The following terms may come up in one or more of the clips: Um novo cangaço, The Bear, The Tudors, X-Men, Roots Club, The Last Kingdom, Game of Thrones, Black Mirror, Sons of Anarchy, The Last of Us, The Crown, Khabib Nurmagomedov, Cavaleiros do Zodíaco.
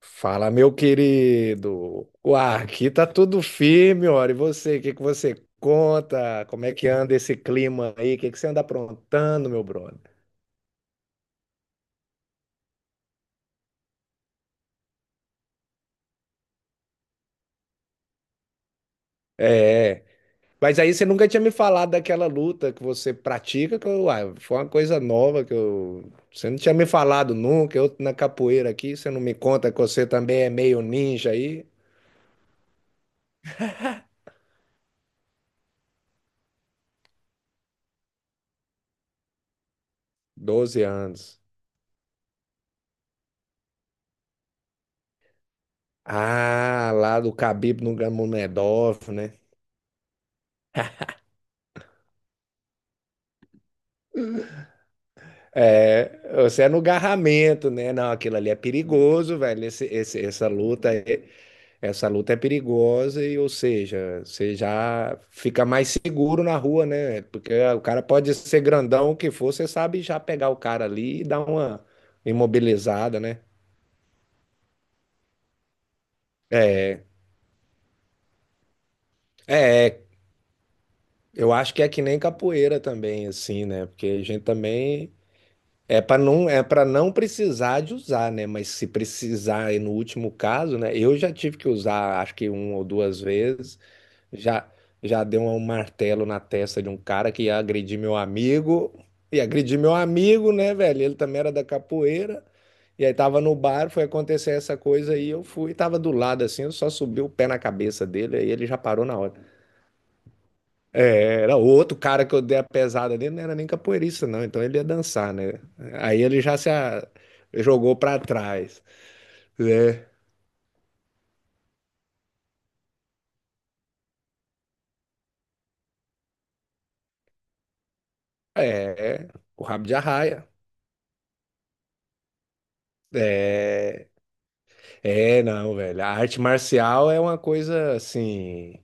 Fala, meu querido. Uai, aqui tá tudo firme, ora. E você, o que que você conta? Como é que anda esse clima aí? O que que você anda aprontando, meu brother? É, mas aí você nunca tinha me falado daquela luta que você pratica, que eu, uai, foi uma coisa nova que eu, você não tinha me falado nunca. Eu na capoeira aqui, você não me conta que você também é meio ninja aí? 12 anos. Ah, lá do Khabib Nurmagomedov, né? É, você é no garramento, né? Não, aquilo ali é perigoso, velho. Essa luta é perigosa e, ou seja, você já fica mais seguro na rua, né? Porque o cara pode ser grandão o que for, você sabe já pegar o cara ali e dar uma imobilizada, né? É, é, eu acho que é que nem capoeira também, assim, né? Porque a gente também é para não, é para não precisar de usar, né? Mas se precisar, e no último caso, né? Eu já tive que usar, acho que uma ou duas vezes. Já, já deu um martelo na testa de um cara que ia agredir meu amigo. E agredir meu amigo, né, velho? Ele também era da capoeira. E aí tava no bar, foi acontecer essa coisa aí. Eu fui, tava do lado assim, eu só subi o pé na cabeça dele. Aí ele já parou na hora. É, era outro cara que eu dei a pesada dele, não era nem capoeirista, não. Então ele ia dançar, né? Aí ele já se a- jogou pra trás, né? É, o rabo de arraia. É, não, velho. A arte marcial é uma coisa assim.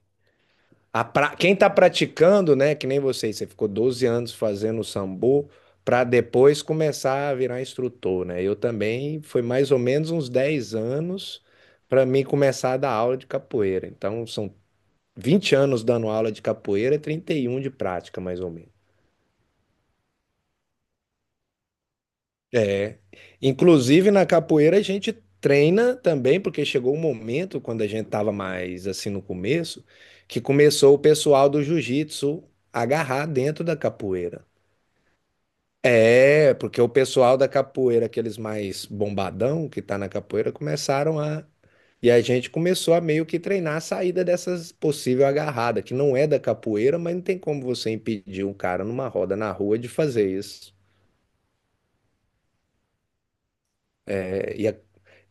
A pra... Quem tá praticando, né? Que nem você, você ficou 12 anos fazendo sambo pra depois começar a virar instrutor, né? Eu também foi mais ou menos uns 10 anos. Pra mim começar a dar aula de capoeira. Então, são 20 anos dando aula de capoeira, e 31 de prática, mais ou menos. Inclusive, na capoeira, a gente treina também, porque chegou um momento, quando a gente estava mais assim no começo, que começou o pessoal do jiu-jitsu agarrar dentro da capoeira. É, porque o pessoal da capoeira, aqueles mais bombadão que tá na capoeira, começaram a. E a gente começou a meio que treinar a saída dessas possível agarrada, que não é da capoeira, mas não tem como você impedir um cara numa roda na rua de fazer isso. É,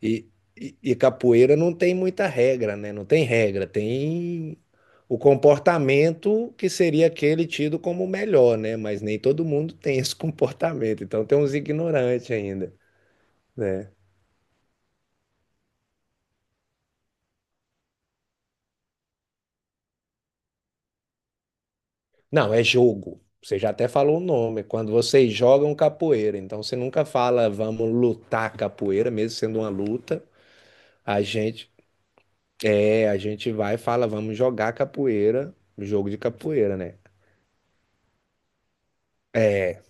e- e capoeira não tem muita regra, né? Não tem regra, tem o comportamento que seria aquele tido como o melhor, né? Mas nem todo mundo tem esse comportamento, então tem uns ignorantes ainda. Não, é jogo. Você já até falou o nome. Quando vocês jogam capoeira, então você nunca fala vamos lutar capoeira, mesmo sendo uma luta. A gente a gente vai e fala vamos jogar capoeira, jogo de capoeira, né? É,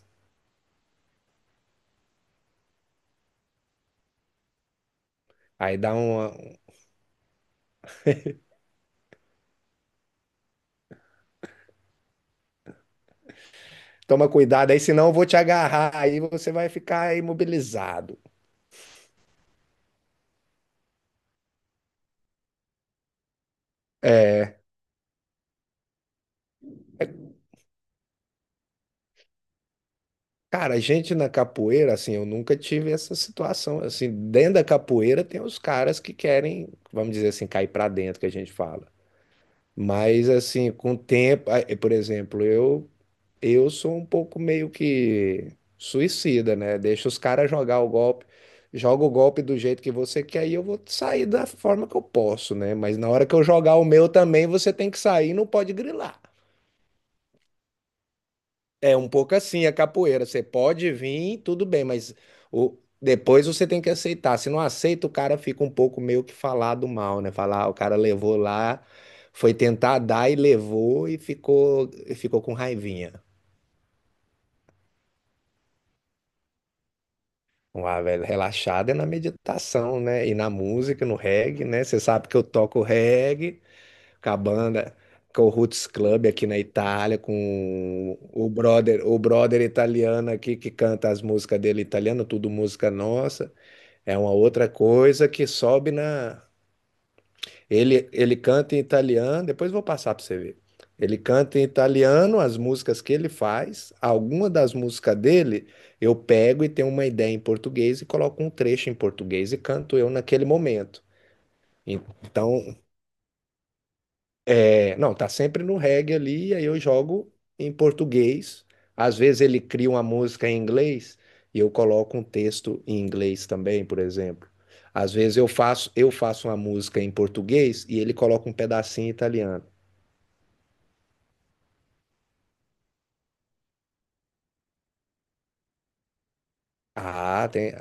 aí dá uma. Toma cuidado aí, senão eu vou te agarrar aí, você vai ficar imobilizado. É. Cara, a gente na capoeira, assim, eu nunca tive essa situação. Assim, dentro da capoeira tem os caras que querem, vamos dizer assim, cair pra dentro, que a gente fala. Mas assim, com o tempo, ah, eh, por exemplo, eu sou um pouco meio que suicida, né? Deixa os caras jogar o golpe, joga o golpe do jeito que você quer e eu vou sair da forma que eu posso, né? Mas na hora que eu jogar o meu também, você tem que sair, não pode grilar. É um pouco assim a capoeira. Você pode vir, tudo bem, mas depois você tem que aceitar. Se não aceita, o cara fica um pouco meio que falado mal, né? Falar, ah, o cara levou lá, foi tentar dar e levou e ficou com raivinha. Ah, velho, relaxado é na meditação, né? E na música, no reggae, né? Você sabe que eu toco reggae. Com a banda, com o Roots Club aqui na Itália, com o brother italiano aqui que canta as músicas dele italiano, tudo música nossa. É uma outra coisa que sobe na. Ele canta em italiano, depois vou passar para você ver. Ele canta em italiano as músicas que ele faz. Alguma das músicas dele eu pego e tenho uma ideia em português e coloco um trecho em português e canto eu naquele momento. Então, é, não, tá sempre no reggae ali, e aí eu jogo em português. Às vezes ele cria uma música em inglês e eu coloco um texto em inglês também, por exemplo. Às vezes eu faço uma música em português e ele coloca um pedacinho em italiano. Ah, tem.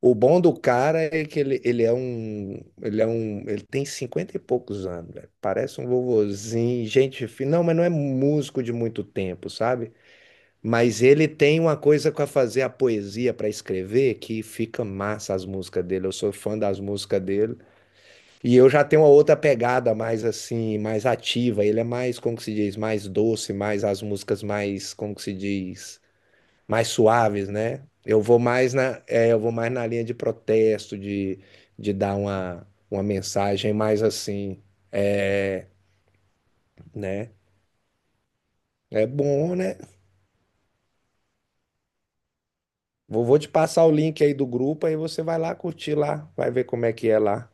O bom do cara é que ele tem 50 e poucos anos, velho. Parece um vovozinho, gente fina. Não, mas não é músico de muito tempo, sabe? Mas ele tem uma coisa para fazer a poesia, para escrever, que fica massa as músicas dele. Eu sou fã das músicas dele. E eu já tenho uma outra pegada mais assim, mais ativa. Ele é mais, como que se diz, mais doce, mais as músicas mais, como que se diz, mais suaves, né? Eu vou mais na, é, eu vou mais na linha de protesto, de dar uma mensagem mais assim, é, né? É bom, né? Vou te passar o link aí do grupo, aí você vai lá curtir lá, vai ver como é que é lá.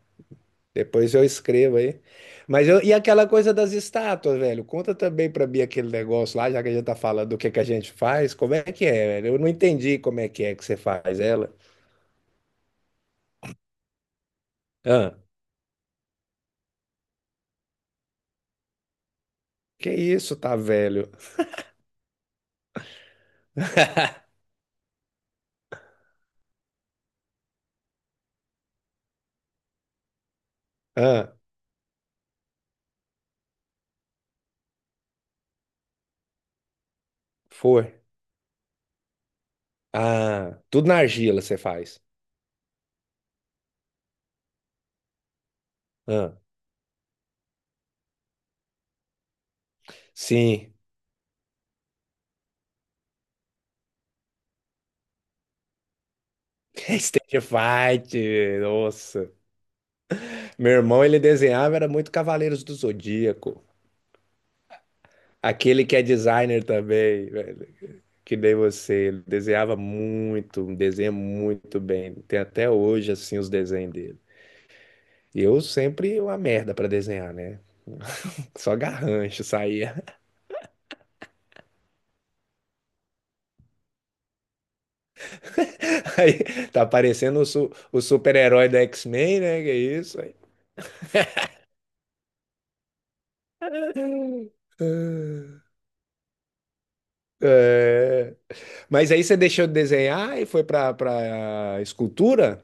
Depois eu escrevo aí. Mas eu, e aquela coisa das estátuas, velho? Conta também pra mim aquele negócio lá, já que a gente tá falando do que a gente faz. Como é que é, velho? Eu não entendi como é que você faz ela. Ah, que isso, tá, velho? Ah, foi. Ah, tudo na argila você faz. Ah, sim. Stage fight, nossa. Meu irmão, ele desenhava, era muito Cavaleiros do Zodíaco. Aquele que é designer também, velho. Que nem você, desenhava muito, desenha muito bem. Tem até hoje, assim, os desenhos dele. E eu sempre uma merda pra desenhar, né? Só garrancho saía. Aí tá parecendo o super-herói do X-Men, né? Que é isso? Aí, é... Mas aí você deixou de desenhar e foi pra, pra escultura?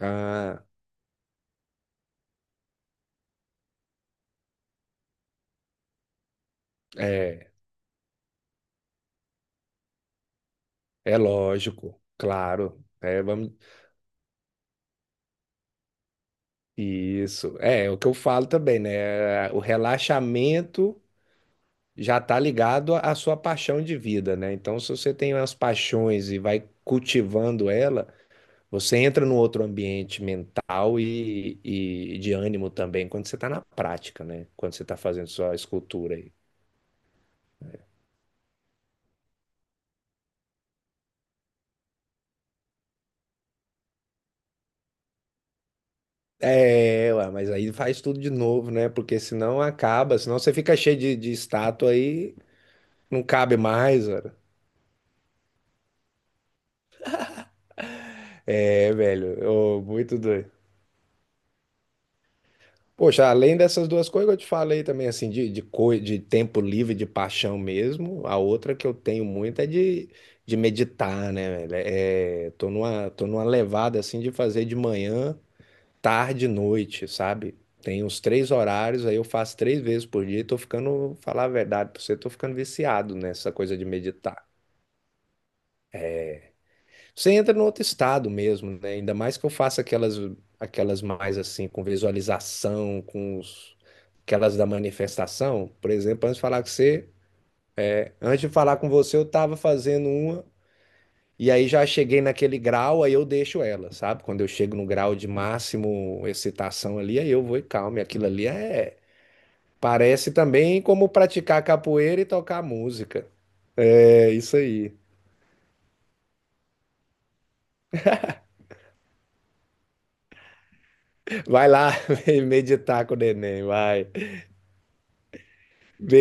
Ah, é. É lógico, claro. É, vamos. Isso. É, é o que eu falo também, né? O relaxamento já tá ligado à sua paixão de vida, né? Então, se você tem umas paixões e vai cultivando ela, você entra num outro ambiente mental e de ânimo também quando você tá na prática, né? Quando você tá fazendo sua escultura aí. É, ué, mas aí faz tudo de novo, né? Porque senão acaba, senão você fica cheio de estátua aí, não cabe mais, velho. É, velho, ô, muito doido. Poxa, além dessas duas coisas que eu te falei também, assim, de, de tempo livre, de paixão mesmo, a outra que eu tenho muito é de, meditar, né, velho? É, tô numa levada, assim, de fazer de manhã, tarde e noite, sabe? Tem uns três horários, aí eu faço três vezes por dia e tô ficando, falar a verdade pra você, tô ficando viciado nessa coisa de meditar. Você entra no outro estado mesmo, né? Ainda mais que eu faça aquelas, aquelas mais assim, com visualização, com aquelas da manifestação. Por exemplo, antes de falar com você, eu estava fazendo uma e aí já cheguei naquele grau, aí eu deixo ela, sabe? Quando eu chego no grau de máximo excitação ali, aí eu vou e calmo. E aquilo ali é, parece também como praticar capoeira e tocar música. É isso aí. Vai lá meditar com o neném, vai.